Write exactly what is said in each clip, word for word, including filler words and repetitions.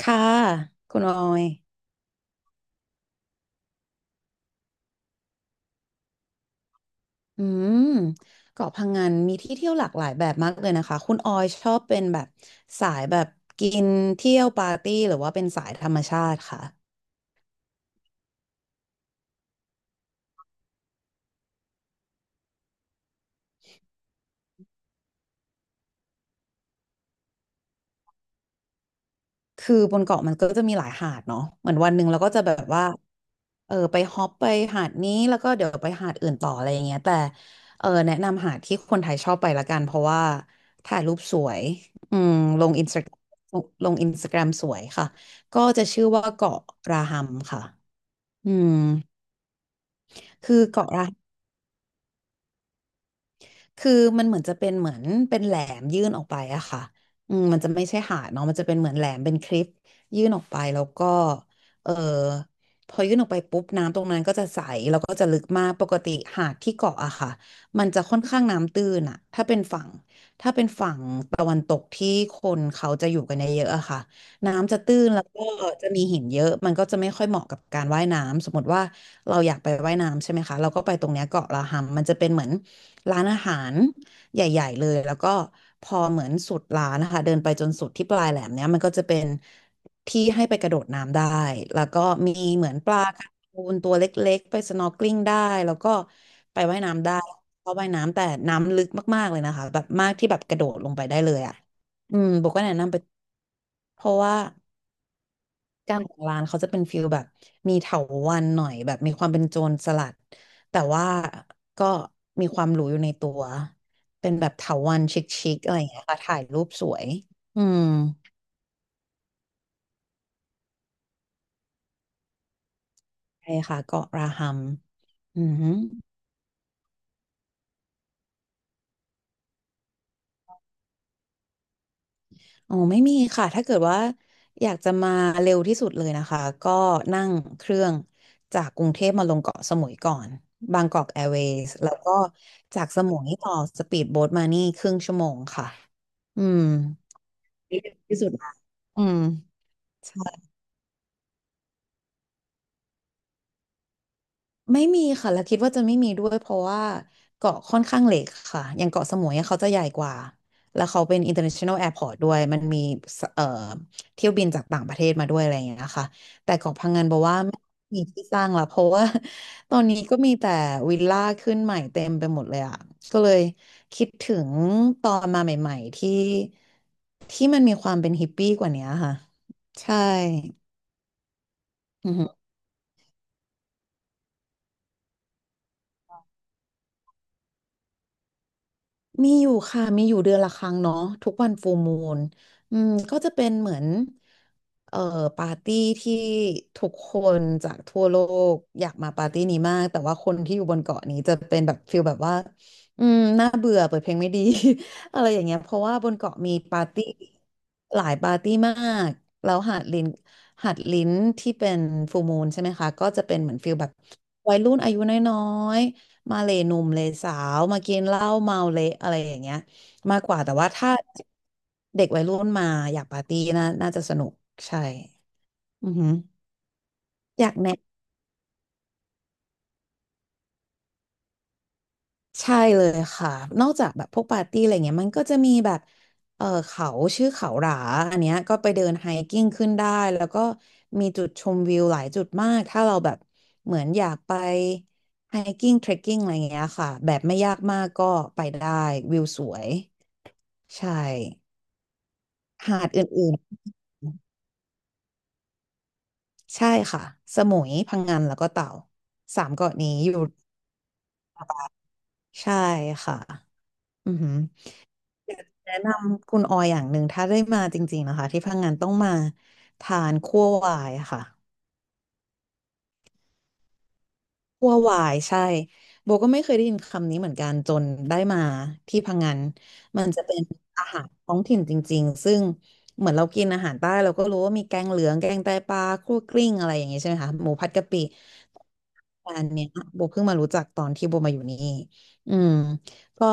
ค่ะคุณออยอืมเกาะพังงานมีที่เที่ยวหลากหลายแบบมากเลยนะคะคุณออยชอบเป็นแบบสายแบบกินเที่ยวปาร์ตี้หรือว่าเป็นสายธรรมชาติค่ะคือบนเกาะมันก็จะมีหลายหาดเนาะเหมือนวันหนึ่งเราก็จะแบบว่าเออไปฮอปไปหาดนี้แล้วก็เดี๋ยวไปหาดอื่นต่ออะไรอย่างเงี้ยแต่เออแนะนำหาดที่คนไทยชอบไปละกันเพราะว่าถ่ายรูปสวยอืมลงอินสตาลงอินสตาแกรมสวยค่ะก็จะชื่อว่าเกาะราฮัมค่ะ อืมคือเกาะละคือมันเหมือนจะเป็นเหมือนเป็นแหลมยื่นออกไปอะค่ะอืมมันจะไม่ใช่หาดเนาะมันจะเป็นเหมือนแหลมเป็นคลิปยื่นออกไปแล้วก็เออพอยื่นออกไปปุ๊บน้ำตรงนั้นก็จะใสแล้วก็จะลึกมากปกติหาดที่เกาะอะค่ะมันจะค่อนข้างน้ำตื้นอะถ้าเป็นฝั่งถ้าเป็นฝั่งตะวันตกที่คนเขาจะอยู่กันเยอะๆอะค่ะน้ำจะตื้นแล้วก็จะมีหินเยอะมันก็จะไม่ค่อยเหมาะกับการว่ายน้ำสมมติว่า เราอยากไปว่ายน้ำใช่ไหมคะเราก็ไปตรงเนี้ยเกาะลาฮัมมันจะเป็นเหมือนร้านอาหารใหญ่ๆเลยแล้วก็พอเหมือนสุดร้านนะคะเดินไปจนสุดที่ปลายแหลมเนี้ยมันก็จะเป็นที่ให้ไปกระโดดน้ำได้แล้วก็มีเหมือนปลาการ์ตูนตัวเล็กๆไปสน o r k ก l ิ n งได้แล้วก็ไปว่ายน้ำได้เพราะว่ายน้ำแต่น้ำลึกมากๆเลยนะคะแบบมากที่แบบกระโดดลงไปได้เลยอ่ะอืมโบก็แนะนำไปเพราะว่า การของร้านเขาจะเป็นฟิลแบบมีเถาวัลย์หน่อยแบบมีความเป็นโจรสลัดแต่ว่าก็มีความหรูอยู่ในตัวเป็นแบบเถาวัลย์ชิคๆอะไรอย่างเงี้ยค่ะถ่ายรูปสวยอืมใช่ค่ะเกาะราฮัมอืมออ๋อไม่มีค่ะถ้าเกิดว่าอยากจะมาเร็วที่สุดเลยนะคะก็นั่งเครื่องจากกรุงเทพมาลงเกาะสมุยก่อนบางกอกแอร์เวย์สแล้วก็จากสมุยต่อสปีดโบ๊ทมานี่ครึ่งชั่วโมงค่ะอืม ที่ดีที่สุดละอืมใช่ไม่มีค่ะแล้วคิดว่าจะไม่มีด้วยเพราะว่าเกาะค่อนข้างเล็กค่ะอย่างเกาะสมุยอะเขาจะใหญ่กว่าแล้วเขาเป็น international airport ด้วยมันมีสเอ่อเที่ยวบินจากต่างประเทศมาด้วยอะไรอย่างเงี้ยค่ะแต่เกาะพังงานบอกว่าไม่มีที่สร้างละเพราะว่า ตอนนี้ก็มีแต่วิลล่าขึ้นใหม่เต็มไปหมดเลยอ่ะก็เลยคิดถึงตอนมาใหม่ๆที่ที่มันมีความเป็นฮิปปี้กว่านี้ค่ะใช่อือฮึ มีอยู่ค่ะมีอยู่เดือนละครั้งเนาะทุกวันฟูลมูนอืมก็จะเป็นเหมือนเอ่อปาร์ตี้ที่ทุกคนจากทั่วโลกอยากมาปาร์ตี้นี้มากแต่ว่าคนที่อยู่บนเกาะนี้จะเป็นแบบฟิลแบบว่าอืมน่าเบื่อเปิดเพลงไม่ดี อะไรอย่างเงี้ยเพราะว่าบนเกาะมีปาร์ตี้หลายปาร์ตี้มากแล้วหาดลิ้นหาดลิ้นที่เป็นฟูลมูนใช่ไหมคะก็จะเป็นเหมือนฟิลแบบวัยรุ่นอายุน้อย มาเลหนุ่มเลยสาวมากินเหล้าเมาเละอะไรอย่างเงี้ยมากกว่าแต่ว่าถ้าเด็กวัยรุ่นมาอยากปาร์ตี้นะน่าจะสนุกใช่อือหืออยากแนะใช่เลยค่ะนอกจากแบบพวกปาร์ตี้อะไรเงี้ยมันก็จะมีแบบเออเขาชื่อเขาหราอันเนี้ยก็ไปเดินไฮกิ้งขึ้นได้แล้วก็มีจุดชมวิวหลายจุดมากถ้าเราแบบเหมือนอยากไปไฮกิ้งเทรคกิ้งอะไรเงี้ยค่ะแบบไม่ยากมากก็ไปได้วิวสวยใช่ หาดอื่นๆใช่ค่ะสมุยพังงานแล้วก็เต่าสามเกาะนี้อยู่ใช่ค่ะอือหือแนะนำคุณออยอย่างหนึ่งถ้าได้มาจริงๆนะคะที่พังงานต้องมาทานคั่ววายค่ะ วัวหวายใช่โบก็ไม่เคยได้ยินคำนี้เหมือนกันจนได้มาที่พังงานมันจะเป็นอาหารท้องถิ่นจริงๆซึ่งเหมือนเรากินอาหารใต้เราก็รู้ว่ามีแกงเหลืองแกงไตปลาคั่วกลิ้งอะไรอย่างงี้ใช่ไหมคะหมูผัดกะปิอันเนี้ยโบเพิ่งมารู้จักตอนที่โบมาอยู่นี่อืมก็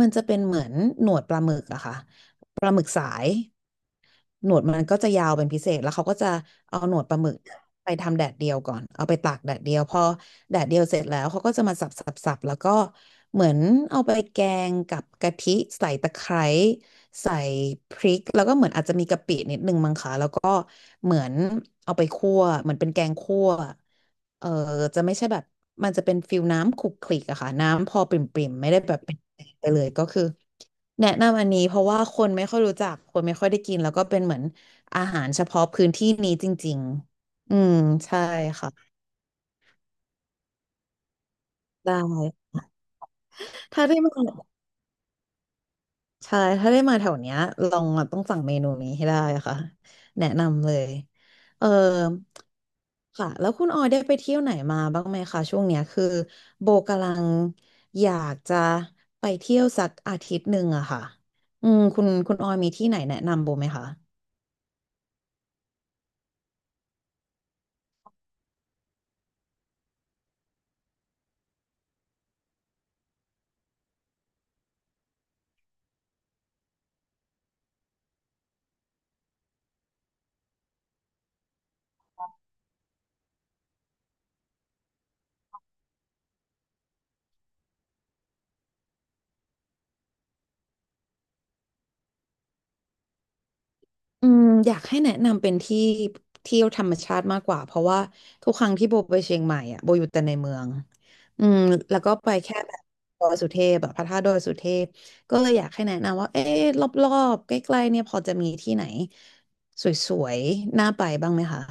มันจะเป็นเหมือนหนวดปลาหมึกอะค่ะปลาหมึกสาย หนวดมันก็จะยาวเป็นพิเศษแล้วเขาก็จะเอาหนวดปลาหมึกไปทำแดดเดียวก่อนเอาไปตากแดดเดียวพอแดดเดียวเสร็จแล้วเขาก็จะมาสับสับสับแล้วก็เหมือนเอาไปแกงกับกะทิใส่ตะไคร้ใส่พริกแล้วก็เหมือนอาจจะมีกะปินิดนึงมั้งคะแล้วก็เหมือนเอาไปคั่วเหมือนเป็นแกงคั่วเออจะไม่ใช่แบบมันจะเป็นฟิลน้ำขลุกขลิกอะค่ะน้ำพอปริ่มๆไม่ได้แบบเป็นแกงไปเลยก็คือ แนะนำอันนี้เพราะว่าคนไม่ค่อยรู้จักคนไม่ค่อยได้กินแล้วก็เป็นเหมือนอาหารเฉพาะพื้นที่นี้จริงๆอืมใช่ค่ะได้ถ้าได้มาใช่ถ้าได้มาแถวเนี้ยลองมาต้องสั่งเมนูนี้ให้ได้ค่ะแนะนำเลยเออค่ะแล้วคุณออยได้ไปเที่ยวไหนมาบ้างไหมคะช่วงเนี้ยคือโบกำลังอยากจะไปเที่ยวสักอาทิตย์หนึ่งอะค่ะอืมคุณคุณออยมีที่ไหนแนะนำโบไหมคะ อืมอยากให้แนะนำเป็นที่เที่ยวธรรมชาติมากกว่าเพราะว่าทุกครั้งที่โบไปเชียงใหม่อะโบอยู่แต่ในเมืองอืมแล้วก็ไปแค่แบบดอยสุเทพแบบพระธาตุดอยสุเทพก็เลยอยากให้แนะนำว่าเอ๊ะรอบๆใกล้ๆเนี่ยพอจะมีที่ไหนสวยๆน่าไปบ้างไหมคะ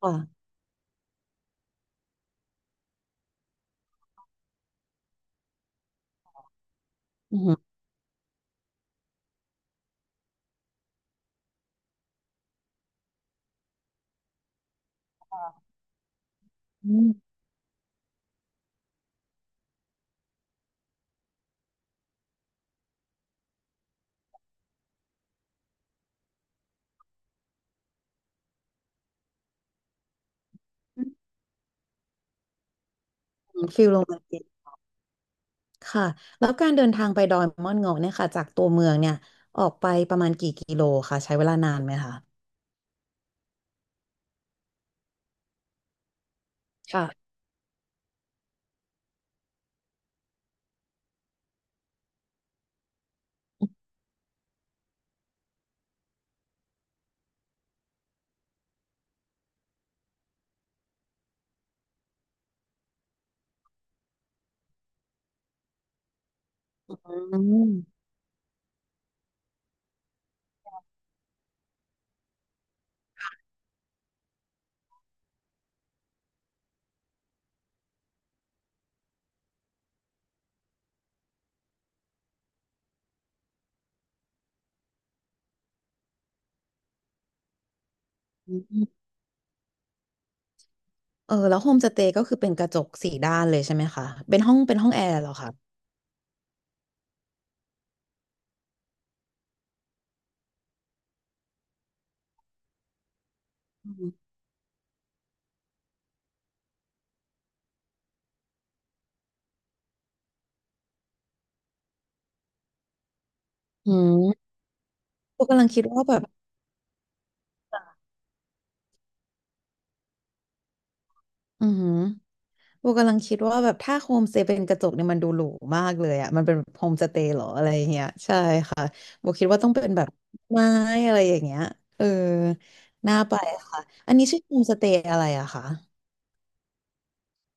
ค่ะอือหืออืมฟิลโรแมนติกค่ะแล้วการเดินทางไปดอยม่อนเงาะเนี่ยค่ะจากตัวเมืองเนี่ยออกไปประมาณกี่กิโลคะใช้เวลานานไหมคะค่ะอืม เออแล้วโฮมสเตย์ก็คือเป็นกระจกสี่ด้านเลยใช่ไหมคะเป็นห้องเป็นห้องแอร์เหรอคะอืมอืมโบกำลังคิดว่าแบบอืมหโบกำลังคิดว่าแบบถ้าโฮมสเตย์เป็นกระจกเนี่ยมันดูหรูมากเลยอ่ะมันเป็นโฮมสเตย์เหรออะไร่เงี้ยใช่ค่ะโบคิดว่าต้องเป็นแบบไม้อะไรอย่างเงี้ยเออน่าไปค่ะอันนี้ชื่อโฮมสเตย์อะไรอะคะ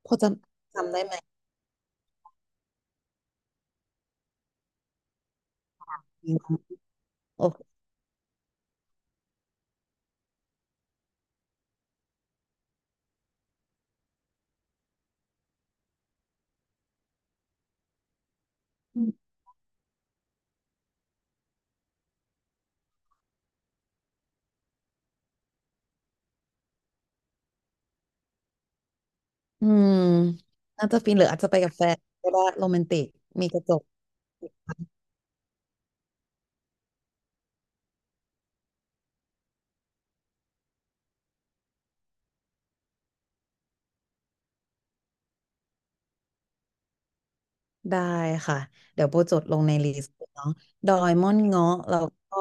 พอจะจำได้ไหมโอเคอืมน่าจะฟินหรืออาจจะไปกับแฟนก็ได้โรแมนติกมีกระจก ได้ค่ะเดี๋ยวโบจดลงในลิสต์เนาะดอยม่อนเงาะแล้วก็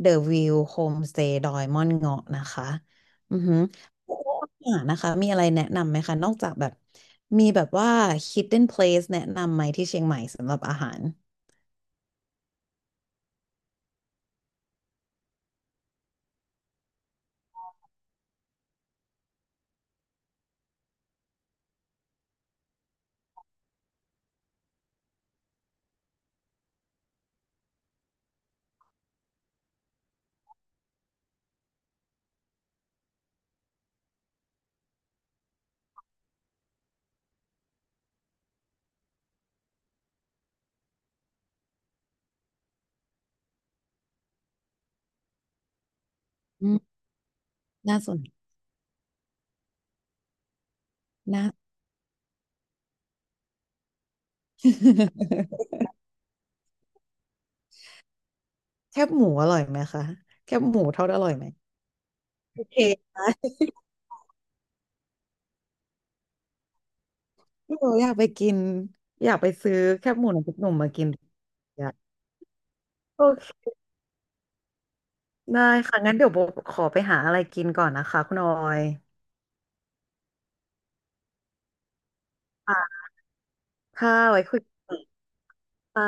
เดอะวิวโฮมสเตย์ดอยม่อนเงาะนะคะอือหือแล้วก็อาหารนะคะมีอะไรแนะนำไหมคะนอกจากแบบมีแบบว่า เอช ไอ ดี ดี อี เอ็น เพลส แนะนำไหมที่เชียงใหม่สำหรับอาหารอืมน่าสนน่า แคบหมูอร่อยไหมคะแคบหมูทอดอร่อยไหมโอเคนะ หนูอยากไปกินอยากไปซื้อแคบหมูน้ำพริกหนุ่มมากินอยากโอเค ได้ค่ะงั้นเดี๋ยวโบขอไปหาอะไรกินก่อนนะคะคุณออยค่ะค่ะไว้คุยกันค่ะ